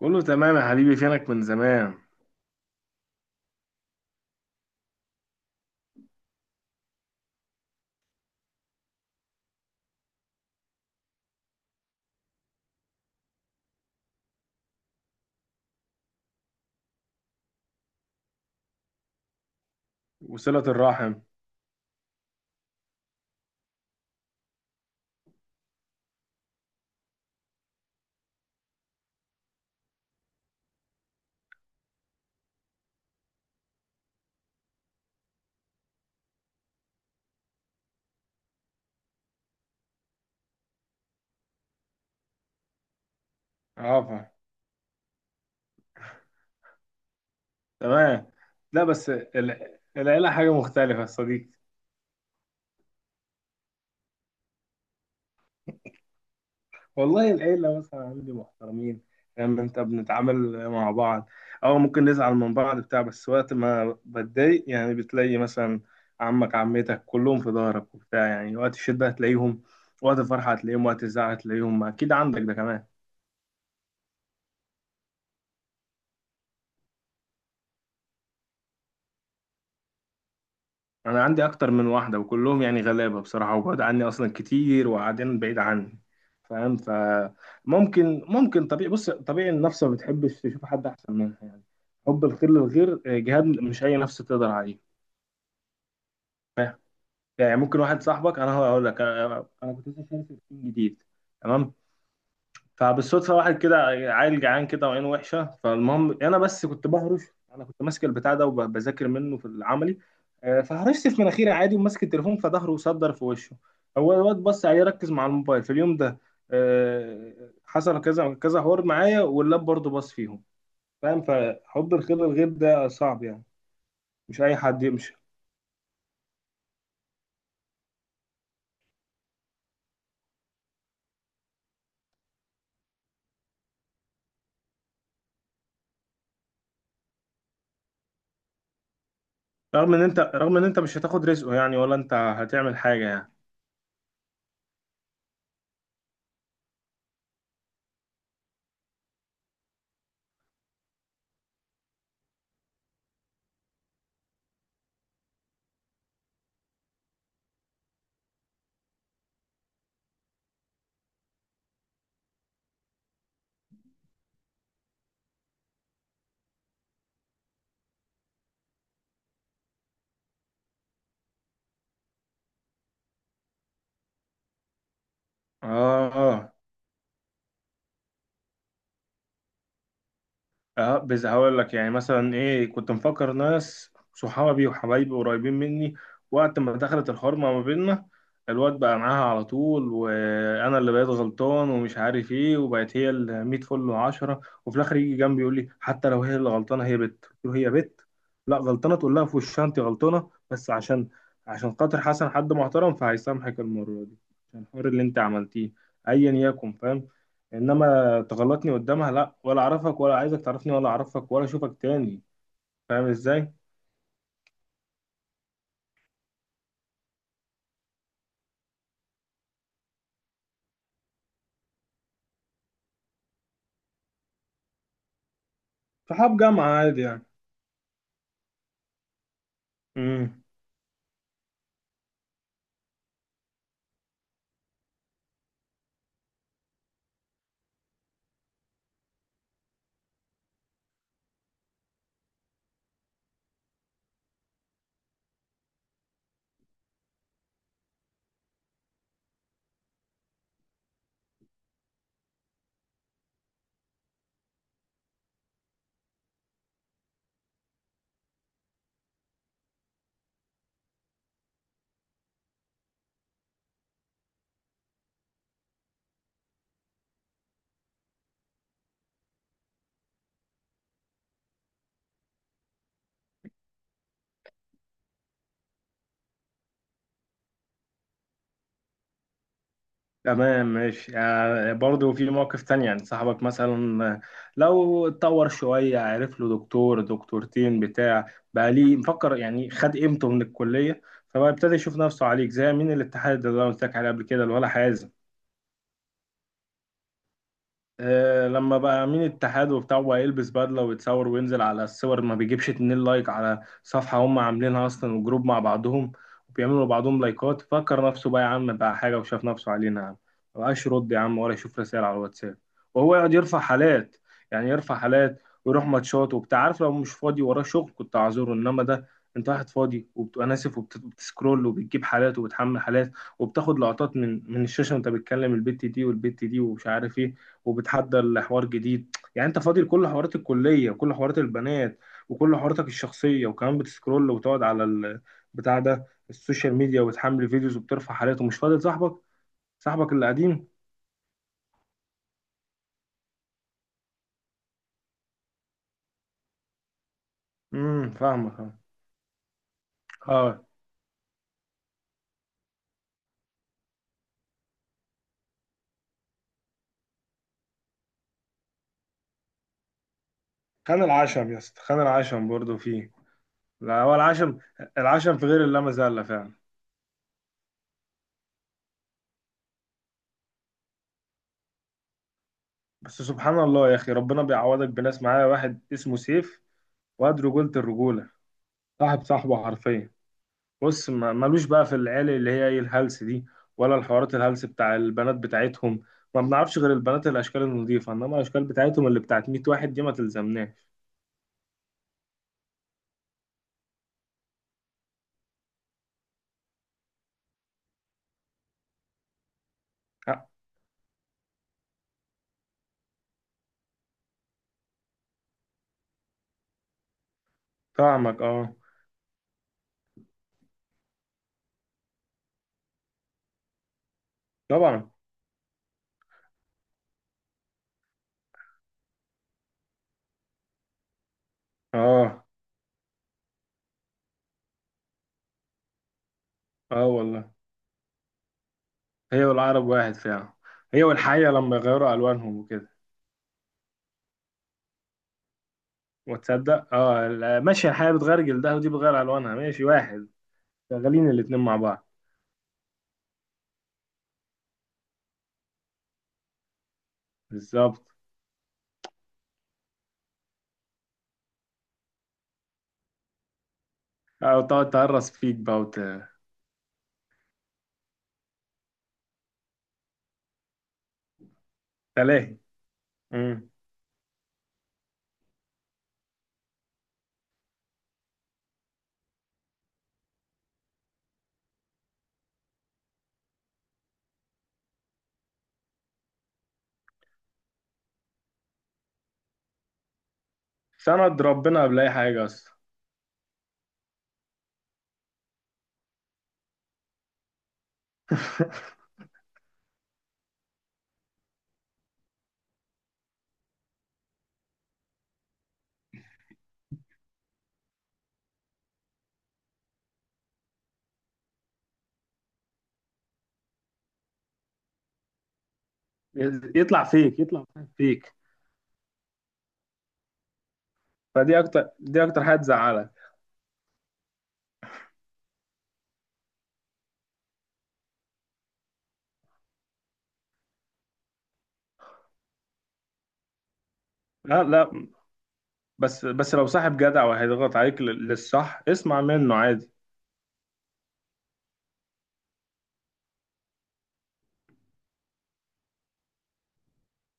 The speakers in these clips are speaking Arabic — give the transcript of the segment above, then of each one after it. كله تمام يا حبيبي. فينك من زمان؟ وصلة الرحم. عافا. تمام. لا، بس العيلة حاجة مختلفة يا صديقي. والله العيلة مثلا عندي محترمين. فاهم انت، بنتعامل مع بعض او ممكن نزعل من بعض بتاع، بس وقت ما بتضايق يعني بتلاقي مثلا عمك، عمتك، كلهم في ظهرك وبتاع. يعني وقت الشدة هتلاقيهم، وقت الفرحة هتلاقيهم، وقت الزعل هتلاقيهم، اكيد عندك ده كمان. انا عندي اكتر من واحده وكلهم يعني غلابه بصراحه، وبعد عني اصلا كتير وقاعدين بعيد عني. فاهم؟ فممكن ممكن طبيعي، بص طبيعي، النفس ما بتحبش تشوف حد احسن منها يعني. حب الخير للغير جهاد، مش اي نفس تقدر عليه. فاهم؟ يعني ممكن واحد صاحبك. انا هقول لك، انا كنت لسه شاري في تيم جديد. تمام. فبالصدفه واحد كده، عيل جعان كده وعينه وحشه. فالمهم انا بس كنت بهرش، انا كنت ماسك البتاع ده وبذاكر منه في العملي. فهرشت في مناخيري عادي وماسك التليفون، فظهره صدر في وشه. هو الواد بص عليه، ركز مع الموبايل في اليوم ده. آه، حصل كذا كذا حوار معايا، واللاب برضه بص فيهم. فاهم؟ فحب الخير الغيب ده صعب يعني. مش اي حد يمشي. رغم ان انت مش هتاخد رزقه يعني، ولا انت هتعمل حاجه يعني. اه. آه. اه، بس هقول لك يعني مثلا ايه. كنت مفكر ناس صحابي وحبايبي قريبين مني، وقت ما دخلت الحرمة ما بيننا الواد بقى معاها على طول، وانا اللي بقيت غلطان ومش عارف ايه، وبقت هي ال 100 فل و10. وفي الاخر يجي جنبي يقول لي حتى لو هي اللي غلطانه، هي بت، قلت له هي بت لا غلطانه، تقول لها في وشها انت غلطانه، بس عشان، خاطر حسن حد محترم فهيسامحك المره دي، عشان الحوار اللي انت عملتيه ايا يكن. فاهم؟ انما تغلطني قدامها، لا، ولا اعرفك ولا عايزك تعرفني، ولا اعرفك ولا اشوفك تاني. فاهم ازاي؟ صحاب جامعة عادي يعني. امم. تمام، ماشي يعني. برضه في مواقف تانية، يعني صاحبك مثلا لو اتطور شوية، عرف له دكتور دكتورتين بتاع، بقى ليه مفكر يعني، خد قيمته من الكلية، فبقى ابتدى يشوف نفسه عليك. زي مين؟ الاتحاد اللي انا قلت لك عليه قبل كده، اللي ولا حازم. آه، لما بقى امين اتحاد وبتاع، وبقى يلبس بدله ويتصور وينزل على الصور، ما بيجيبش 2 لايك على صفحه هم عاملينها اصلا، وجروب مع بعضهم وبيعملوا لبعضهم لايكات، فكر نفسه بقى يا عم بقى حاجه وشاف نفسه علينا يا عم. ما بقاش يرد يا عم، ولا يشوف رسائل على الواتساب، وهو يقعد يرفع حالات. يعني يرفع حالات ويروح ماتشات وبتاع. عارف، لو مش فاضي وراه شغل كنت اعذره، انما ده انت واحد فاضي، وبتبقى ناسف وبتسكرول وبتجيب حالات وبتحمل حالات، وبتاخد لقطات من الشاشه وانت بتكلم البت دي والبت دي ومش عارف ايه، وبتحدى لحوار جديد. يعني انت فاضي لكل حوارات الكليه وكل حوارات البنات وكل حواراتك الشخصيه، وكمان بتسكرول وتقعد على البتاع ده، السوشيال ميديا، وتحمل فيديوز وبترفع حالات ومش فاضي لصاحبك، صاحبك اللي قديم. فاهمك اه. آه. خان العشم يا اسطى، خان العشم برضه فيه. لا، هو العشم، العشم في غير اللامة زالة فعلا. بس سبحان الله يا اخي، ربنا بيعوضك بناس. معايا واحد اسمه سيف، واد رجولة الرجولة، صاحب صاحبه حرفيا. بص، مالوش بقى في العيال اللي هي ايه، الهلس دي، ولا الحوارات الهلس بتاع البنات بتاعتهم. ما بنعرفش غير البنات الاشكال النظيفه، انما الاشكال بتاعتهم اللي بتاعت 100 واحد دي ما تلزمناش. آه، فاهمك اه. طبعا. اه. اه والله. هي والعرب واحد فعلا. هي والحيه لما يغيروا الوانهم وكده. وتصدق اه؟ لا، ماشي، الحيه بتغير جلدها ودي بتغير الوانها، ماشي واحد. شغالين الاتنين مع بعض. بالظبط. اه، وتقعد تهرس فيك بقى تلاهي. مم. سند ربنا قبل اي حاجه اصلا. يطلع فيك، يطلع فيك. فدي اكتر دي اكتر حاجه تزعلك. لا، لا. بس لو صاحب جدع وهيضغط عليك للصح، اسمع منه عادي.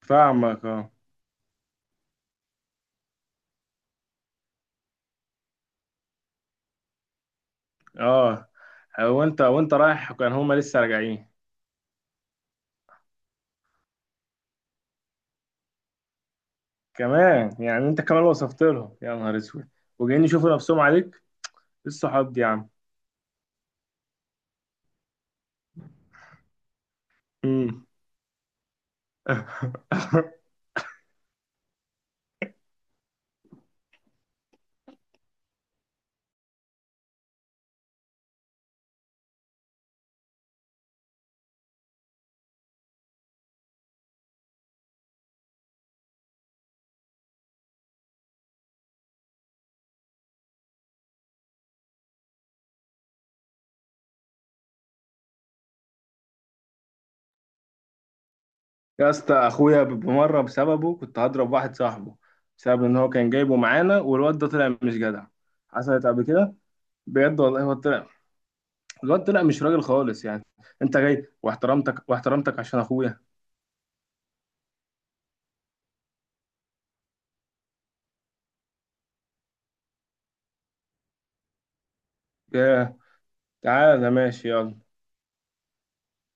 فاهمك اه. اه، وانت رايح كان هما لسه راجعين. كمان يعني؟ انت كمان وصفت لهم؟ يا نهار اسود. وجايين يشوفوا نفسهم عليك. إيه الصحاب دي يا عم! مم. يا اسطى، اخويا بمره بسببه كنت هضرب واحد صاحبه، بسبب ان هو كان جايبه معانا والواد ده طلع مش جدع. حصلت قبل كده، بجد والله. هو طلع، الواد طلع مش راجل خالص يعني. انت جاي واحترمتك واحترمتك عشان اخويا. ياه. تعالى ماشي، يلا.